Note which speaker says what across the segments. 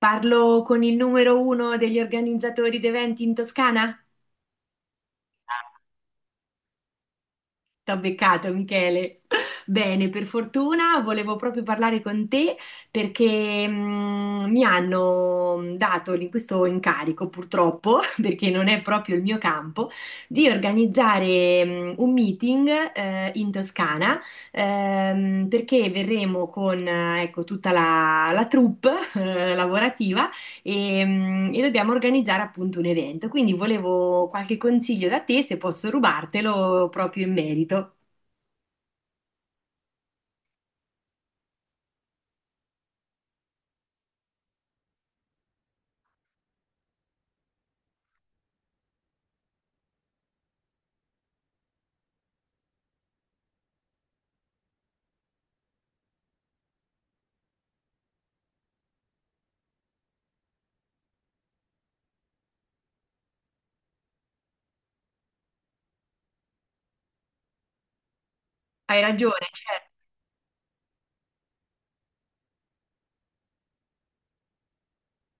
Speaker 1: Parlo con il numero uno degli organizzatori d'eventi in Toscana? T'ho beccato, Michele. Bene, per fortuna volevo proprio parlare con te perché mi hanno dato lì questo incarico, purtroppo, perché non è proprio il mio campo, di organizzare un meeting in Toscana, perché verremo con ecco, tutta la troupe lavorativa e dobbiamo organizzare appunto un evento. Quindi volevo qualche consiglio da te, se posso rubartelo proprio in merito. Hai ragione, certo.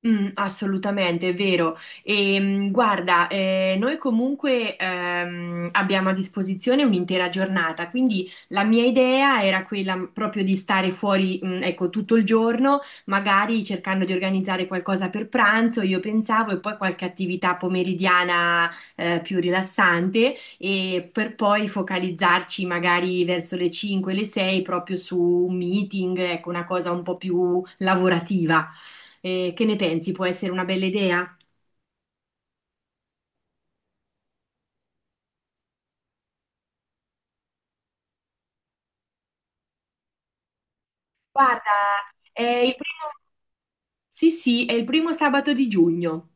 Speaker 1: Mm, assolutamente, è vero. Guarda, noi comunque abbiamo a disposizione un'intera giornata, quindi la mia idea era quella proprio di stare fuori, mm, ecco, tutto il giorno, magari cercando di organizzare qualcosa per pranzo, io pensavo, e poi qualche attività pomeridiana più rilassante, e per poi focalizzarci magari verso le 5, le 6 proprio su un meeting, ecco, una cosa un po' più lavorativa. Che ne pensi? Può essere una bella idea? Guarda, è il primo... Sì, sì, è il primo sabato di giugno.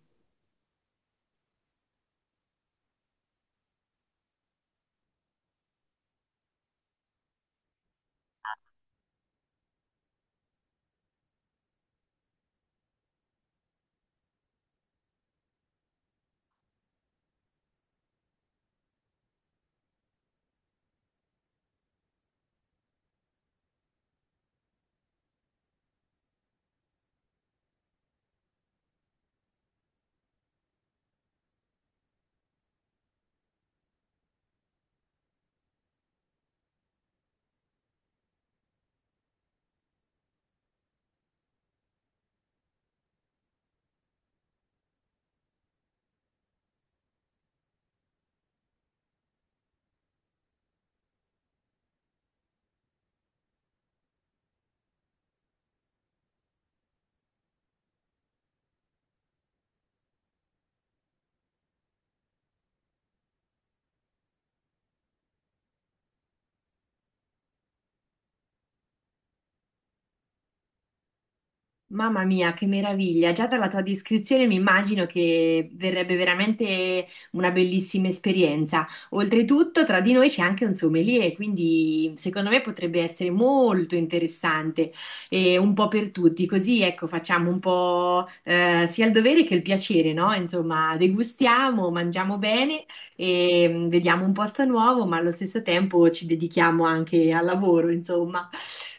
Speaker 1: Mamma mia, che meraviglia! Già dalla tua descrizione mi immagino che verrebbe veramente una bellissima esperienza. Oltretutto, tra di noi c'è anche un sommelier, quindi secondo me potrebbe essere molto interessante e un po' per tutti. Così, ecco, facciamo un po' sia il dovere che il piacere, no? Insomma, degustiamo, mangiamo bene e vediamo un posto nuovo, ma allo stesso tempo ci dedichiamo anche al lavoro, insomma.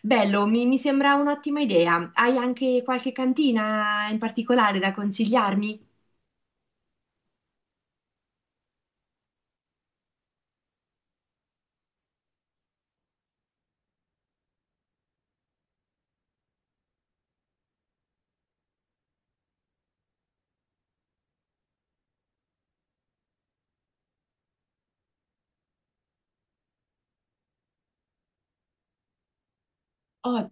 Speaker 1: Bello, mi sembra un'ottima idea. Hai anche qualche cantina in particolare da consigliarmi? Oh.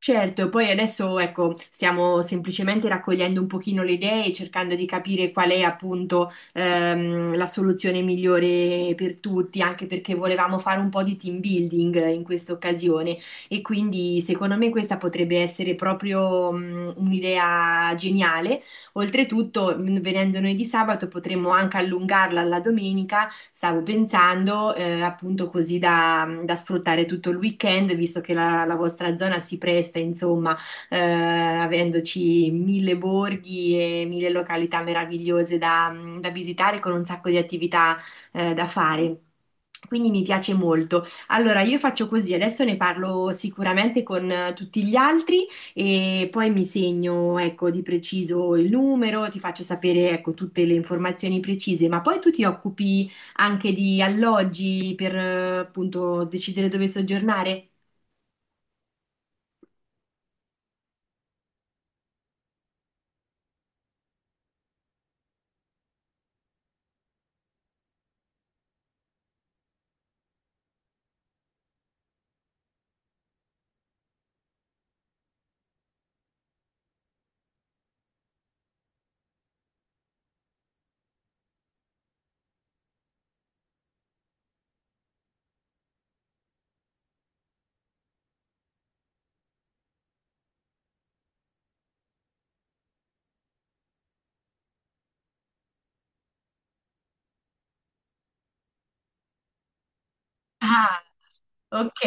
Speaker 1: Certo, poi adesso ecco, stiamo semplicemente raccogliendo un pochino le idee e cercando di capire qual è appunto la soluzione migliore per tutti, anche perché volevamo fare un po' di team building in questa occasione e quindi secondo me questa potrebbe essere proprio un'idea geniale. Oltretutto, venendo noi di sabato, potremmo anche allungarla alla domenica, stavo pensando, appunto così da sfruttare tutto il weekend, visto che la vostra zona si presta, insomma, avendoci mille borghi e mille località meravigliose da visitare con un sacco di attività, da fare. Quindi mi piace molto. Allora, io faccio così, adesso ne parlo sicuramente con tutti gli altri e poi mi segno, ecco, di preciso il numero, ti faccio sapere, ecco, tutte le informazioni precise, ma poi tu ti occupi anche di alloggi per appunto decidere dove soggiornare? Ah, ok.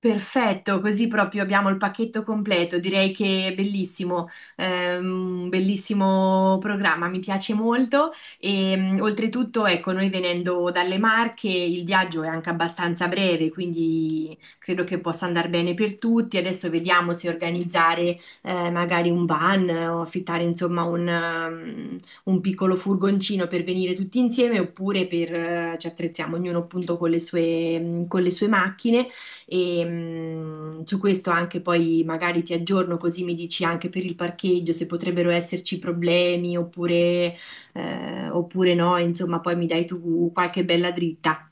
Speaker 1: Perfetto, così proprio abbiamo il pacchetto completo. Direi che è bellissimo, bellissimo programma, mi piace molto. E oltretutto, ecco, noi venendo dalle Marche, il viaggio è anche abbastanza breve, quindi credo che possa andare bene per tutti. Adesso vediamo se organizzare magari un van o affittare insomma un piccolo furgoncino per venire tutti insieme oppure per, ci attrezziamo ognuno appunto con le sue macchine e su questo anche poi magari ti aggiorno così mi dici anche per il parcheggio se potrebbero esserci problemi oppure, oppure no, insomma, poi mi dai tu qualche bella dritta.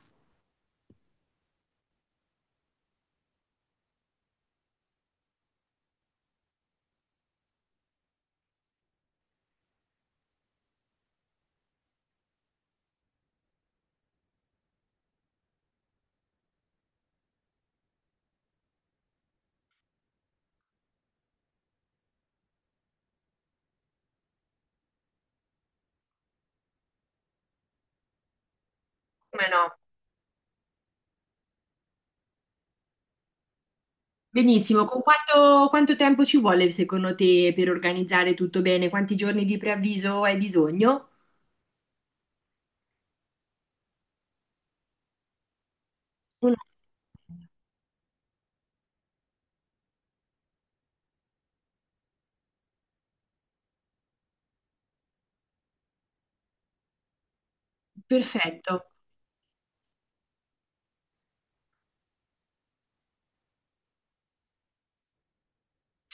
Speaker 1: Come no? Benissimo, con quanto, quanto tempo ci vuole secondo te per organizzare tutto bene? Quanti giorni di preavviso hai bisogno? Un- Perfetto.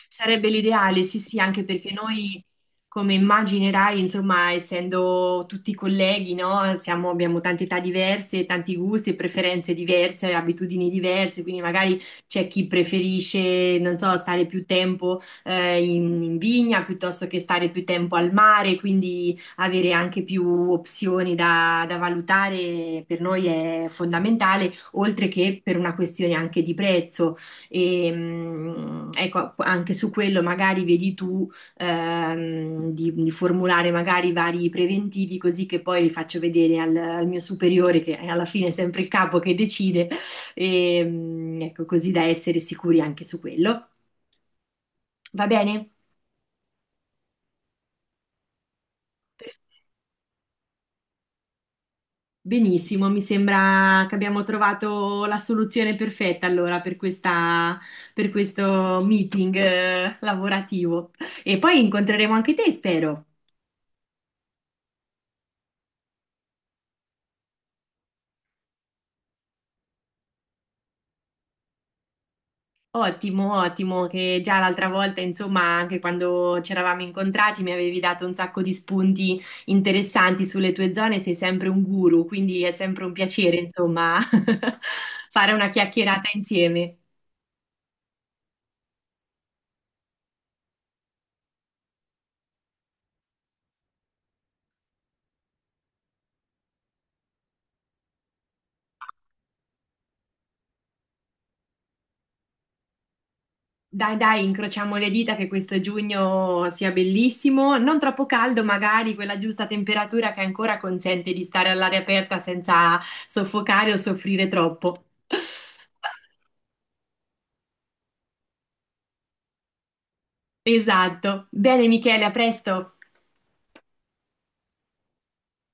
Speaker 1: Sarebbe l'ideale, sì, sì, anche perché noi, come immaginerai, insomma, essendo tutti colleghi, no? Abbiamo tante età diverse, tanti gusti e preferenze diverse, abitudini diverse, quindi magari c'è chi preferisce, non so, stare più tempo in, in vigna piuttosto che stare più tempo al mare, quindi avere anche più opzioni da valutare per noi è fondamentale, oltre che per una questione anche di prezzo ecco, anche su quello magari vedi tu di formulare magari vari preventivi così che poi li faccio vedere al mio superiore, che alla fine è sempre il capo che decide, ecco, così da essere sicuri anche su quello. Va bene? Benissimo, mi sembra che abbiamo trovato la soluzione perfetta allora per questa, per questo meeting lavorativo. E poi incontreremo anche te, spero. Ottimo, ottimo, che già l'altra volta, insomma, anche quando ci eravamo incontrati mi avevi dato un sacco di spunti interessanti sulle tue zone, sei sempre un guru, quindi è sempre un piacere, insomma, fare una chiacchierata insieme. Dai, dai, incrociamo le dita che questo giugno sia bellissimo, non troppo caldo, magari quella giusta temperatura che ancora consente di stare all'aria aperta senza soffocare o soffrire troppo. Esatto. Bene, Michele, a presto.